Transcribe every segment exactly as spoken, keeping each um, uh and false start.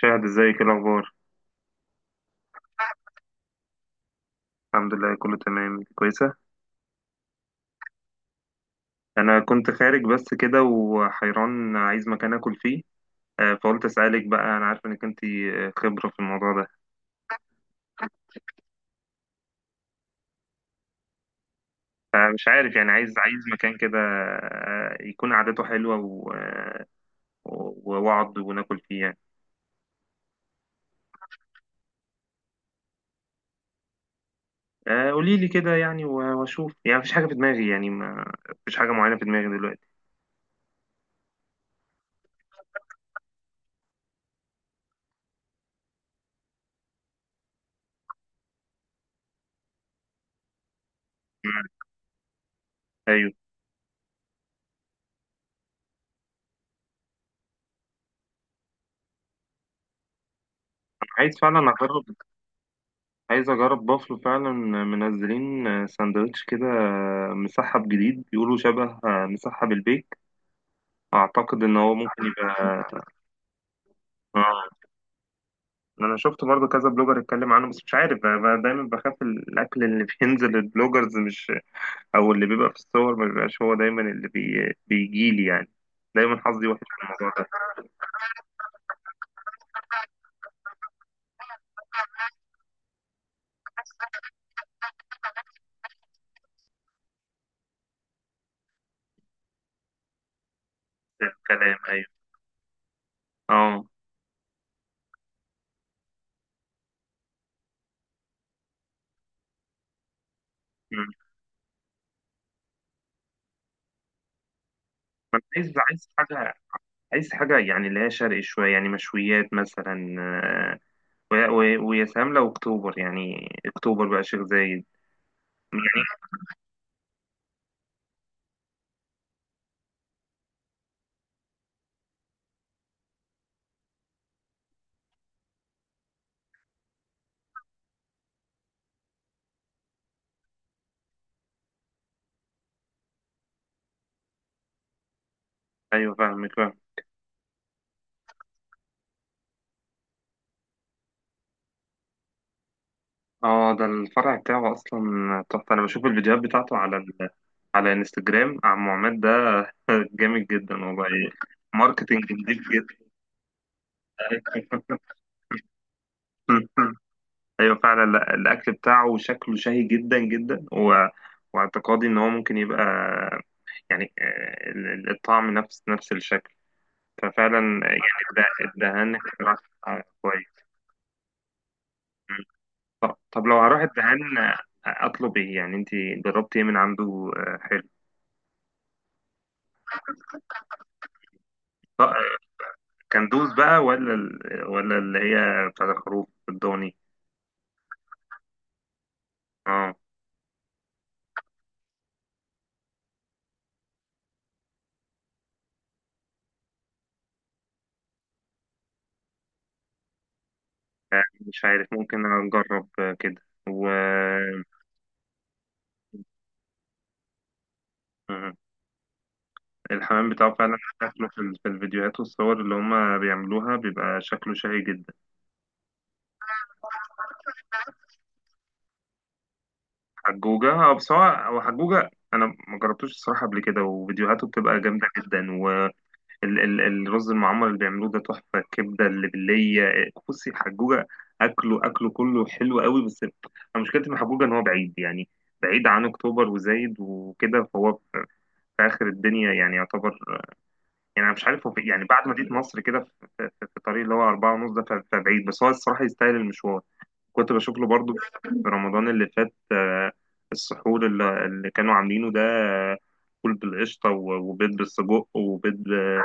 شاهد، ازيك؟ ايه الاخبار؟ الحمد لله كله تمام كويسه. انا كنت خارج بس كده وحيران عايز مكان اكل فيه. آه، فقلت اسالك بقى، انا عارف انك انت خبره في الموضوع ده. فمش عارف يعني، عايز عايز مكان كده، آه، يكون قعدته حلوه و- آه، و- واقعد وناكل فيه يعني. آه، قولي لي كده يعني و- واشوف يعني، مفيش حاجه في دماغي يعني، ما- مفيش حاجه معينه في دماغي دلوقتي. مم. ايوه، أنا عايز فعلا اجرب. عايز اجرب بافلو فعلا، منزلين ساندوتش كده، مسحب جديد بيقولوا شبه مسحب البيك. اعتقد ان هو ممكن يبقى. اه، انا شفت برضه كذا بلوجر اتكلم عنه، بس مش عارف، بقى بقى دايما بخاف الاكل اللي بينزل البلوجرز، مش او اللي بيبقى في الصور ما بيبقاش هو دايما اللي بي... بيجي لي يعني. دايما حظي وحش في الموضوع ده. ده الكلام، ايوه، اه. مم. ما أنا عايز عايز حاجه، عايز حاجه يعني اللي هي شرقي شويه، يعني مشويات مثلا، و- و- ويا سلام لو اكتوبر، يعني اكتوبر بقى، شيخ زايد يعني. ايوه فاهمك، فاهم. اه، ده الفرع بتاعه اصلا تحفه. انا بشوف الفيديوهات بتاعته على ال... على انستجرام، عم عماد ده جامد جدا والله، ماركتنج جديد جدا. ايوه فعلا، لا، الاكل بتاعه شكله شهي جدا جدا و... واعتقادي ان هو ممكن يبقى يعني، آه، ال- الطعم نفس نفس الشكل، ففعلا يعني، الد- الدهان اختراع. كويس. طب لو هروح الدهان اطلب ايه يعني؟ انت جربتي ايه من عنده؟ آه، حلو. طب، آه، كندوز بقى ولا ال- ولا اللي هي بتاع الخروف الضاني؟ اه، مش عارف، ممكن اجرب آه، كده. و آه، الحمام بتاعه فعلا شكله في ال- في الفيديوهات والصور اللي هما بيعملوها بيبقى شكله شهي جدا. حجوجة، اه، بس هو هو حجوجة انا ما جربتوش الصراحة قبل كده، وفيديوهاته بتبقى جامدة جدا. ال- ال- الرز المعمر اللي بيعملوه ده تحفة، الكبدة اللي باللية، إيه، بصي الحجوجة، أكله أكله كله حلو قوي، بس أنا مشكلتي مع حجوجة إن هو بعيد يعني، بعيد عن أكتوبر وزايد وكده، فهو في آخر الدنيا يعني يعتبر. يعني أنا مش عارف، هو في- يعني بعد مدينة نصر كده، في في- في الطريق اللي هو أربعة ونص ده، ف- فبعيد، بس هو الصراحة يستاهل المشوار. كنت بشوف له برضه في رمضان اللي فات، آه، السحور اللي اللي كانوا عاملينه ده، آه، فول بالقشطة و- وبيض بالسجق وبيض، آه،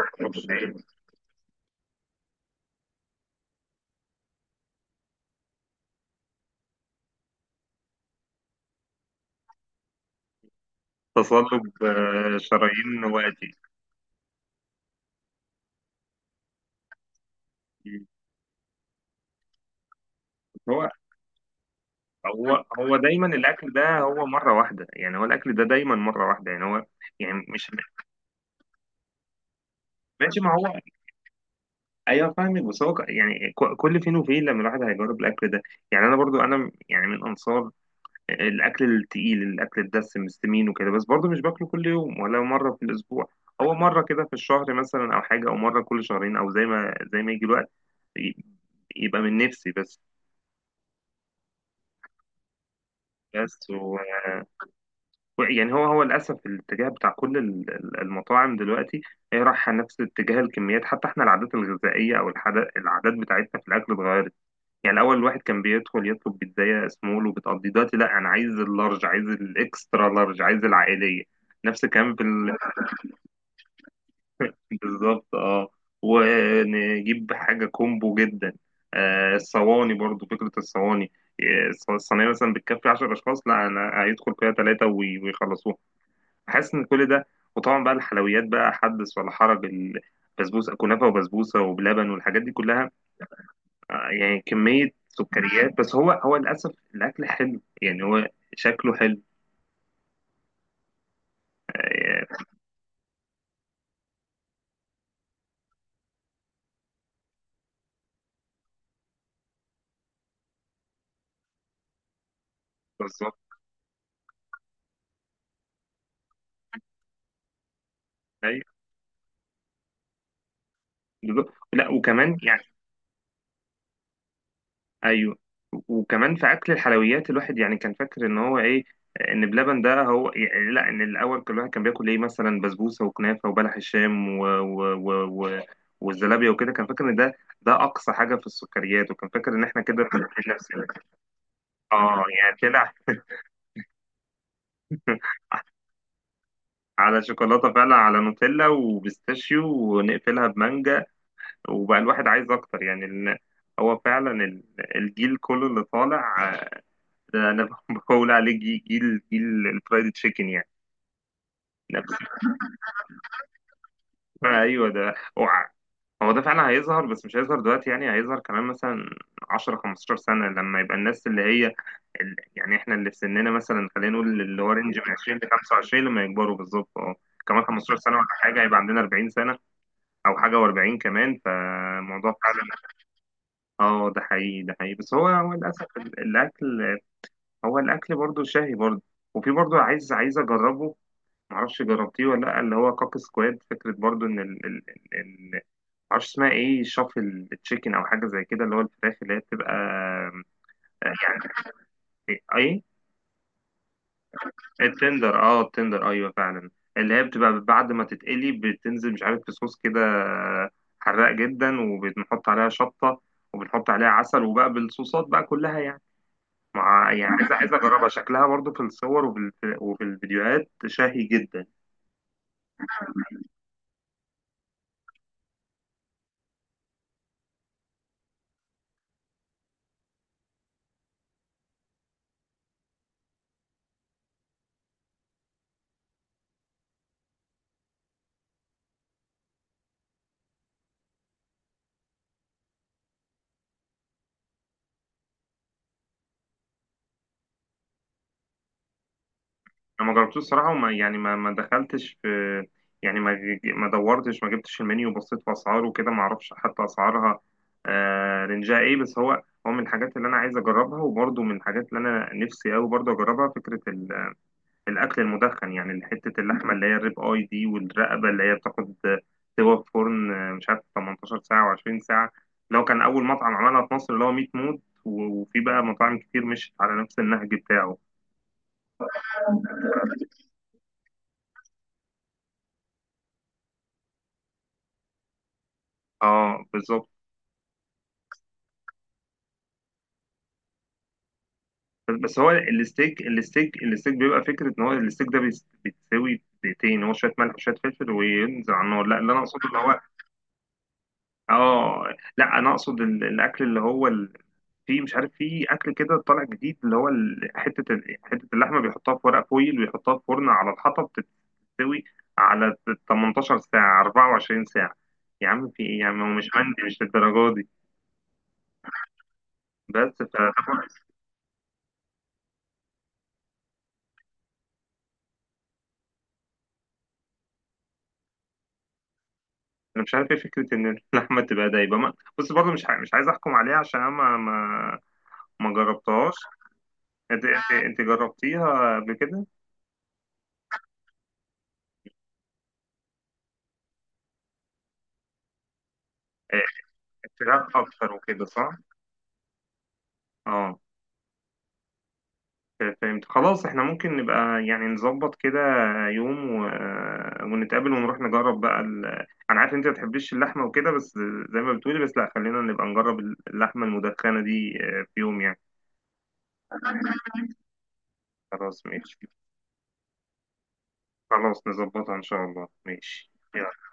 تصلب آه، شرايين وقتي. هو هو هو دايما الاكل ده هو مره واحده يعني، هو الاكل ده دايما مره واحده يعني هو، يعني مش ماشي. ما هو ايوه فاهمك، بس هو ك- يعني، ك- كل فين وفين لما الواحد هيجرب الاكل ده يعني. انا برضو، انا يعني من انصار آه، الاكل التقيل، الاكل الدسم السمين وكده، بس برضو مش باكله كل يوم ولا مره في الاسبوع. هو مره كده في الشهر مثلا او حاجه، او مره كل شهرين، او زي ما زي ما يجي الوقت ي- يبقى من نفسي بس. بس يعني هو هو للأسف الاتجاه بتاع كل ال- ال- المطاعم دلوقتي هي رايحة نفس اتجاه الكميات. حتى احنا العادات الغذائية، أو الحدا- العادات بتاعتنا في الأكل اتغيرت. يعني الأول الواحد كان بيدخل يطلب بيتزاية سمول وبتقضي، دلوقتي لا، أنا عايز اللارج، عايز الإكسترا لارج، عايز العائلية. نفس الكلام في ال- بالظبط اه. ونجيب حاجة كومبو جدا. آه الصواني برضو، فكرة الصواني، آه، الص- الصينية مثلا بتكفي عشرة أشخاص، لا أنا هيدخل فيها ثلاثة ويخلصوها. حاسس ان كل ده، وطبعا بقى الحلويات بقى حدث ولا حرج. البسبوسه، كنافه وبسبوسه وبلبن والحاجات دي كلها، آه، يعني كميه سكريات. بس هو هو للاسف الاكل حلو يعني، هو شكله حلو. آه، بالظبط. أيوة، بالظبط. لا وكمان يعني، ايوه، وكمان في اكل الحلويات الواحد يعني كان فاكر ان هو ايه، ان بلبن ده هو يعني، لا، ان الاول كان الواحد كان بياكل ايه، مثلا بسبوسه وكنافه وبلح الشام و... و... و... و... والزلابيه وكده، كان فاكر ان ده ده اقصى حاجه في السكريات، وكان فاكر ان احنا كده بنعمل نفسنا. اه يعني طلع على شوكولاته فعلا، على نوتيلا وبيستاشيو ونقفلها بمانجا. وبقى الواحد عايز اكتر، يعني ال... هو فعلا ال- الجيل كله اللي طالع ده انا بقول عليه جي- جيل جيل الفرايد تشيكن يعني. أنا ب- ايوه، ده هو ع- هو ده فعلا هيظهر، بس مش هيظهر دلوقتي، يعني هيظهر كمان مثلا عشر خمسة عشر سنه، لما يبقى الناس اللي هي ال- يعني احنا اللي في سننا مثلا، خلينا نقول اللي هو رينج من عشرين ل خمسة وعشرين، لما يكبروا بالظبط اه، كمان خمسة عشر سنه ولا حاجه، هيبقى عندنا أربعين سنه او حاجه، وأربعين، فالموضوع فعلا اه ده حقيقي، ده حقيقي، بس هو هو للاسف ال- الاكل، هو الاكل برضو شهي برضو، وفي برضو عايز عايز اجربه، معرفش جربتيه ولا لا، اللي هو كاك سكواد، فكرة برضو ان ال ال ال ال- معرفش اسمها ايه، شافل تشيكن او حاجة زي كده، اللي هو الفراخ اللي هي بتبقى. إيه؟ اي التندر، اه التندر، ايوه فعلا، اللي هي بتبقى بعد ما تتقلي بتنزل، مش عارف في صوص كده حراق جدا، وبنحط عليها شطة، وبنحط عليها عسل، وبقى بالصوصات بقى كلها يعني. مع يعني عايز عايز اجربها، شكلها برضو في الصور، وفي ال- وفي الفيديوهات شهي جدا. انا ما جربتوش الصراحه، وما يعني، ما ما دخلتش في يعني، ما ما دورتش، ما جبتش المنيو وبصيت في اسعاره وكده، ما اعرفش حتى اسعارها آه، رينجها ايه. بس هو هو من الحاجات اللي انا عايز اجربها، وبرضه من الحاجات اللي انا نفسي قوي برضه اجربها، فكره ال- الاكل المدخن يعني، حته اللحمه اللي هي الريب اي دي، والرقبه اللي هي بتاخد سوا في فرن، آه، مش عارف تمنتاشر ساعه وعشرين. لو كان اول مطعم عملها في مصر اللي هو ميت موت، و- وفي بقى مطاعم كتير مشت على نفس النهج بتاعه. اه بالظبط. بس بس هو الستيك، الستيك الستيك بيبقى فكره ان هو الستيك ده بيس- بيتسوي بدقيقتين، هو شويه ملح وشويه فلفل وينزل على النار، لا اللي انا اقصده اللي هو، اه لا انا اقصد ال- الاكل اللي هو ال- في مش عارف، في اكل كده طالع جديد اللي هو ال- حته ال- حته اللحمه بيحطها في ورق فويل، ويحطها في فرن على الحطب، بتتسوي على تمنتاشر ساعه، أربعة وعشرين ساعه. يا عم في ايه يا عم، هو مش عندي مش للدرجه دي. بس ف انا مش عارف ايه فكره ان اللحمه تبقى دايبه. ما بص برضه مش ع- مش عايز احكم عليها عشان انا ما ما ما جربتهاش. انت انت انت جربتيها قبل كده؟ إيه، فراخ اكتر وكده، صح، اه فهمت. خلاص احنا ممكن نبقى يعني نظبط كده يوم و... ونتقابل ونروح نجرب بقى ال... انا عارف انت ما بتحبيش اللحمه وكده، بس زي ما بتقولي، بس لا خلينا نبقى نجرب اللحمه المدخنه دي آه، في يوم يعني. خلاص ماشي، خلاص نظبطها ان شاء الله، ماشي، يلا.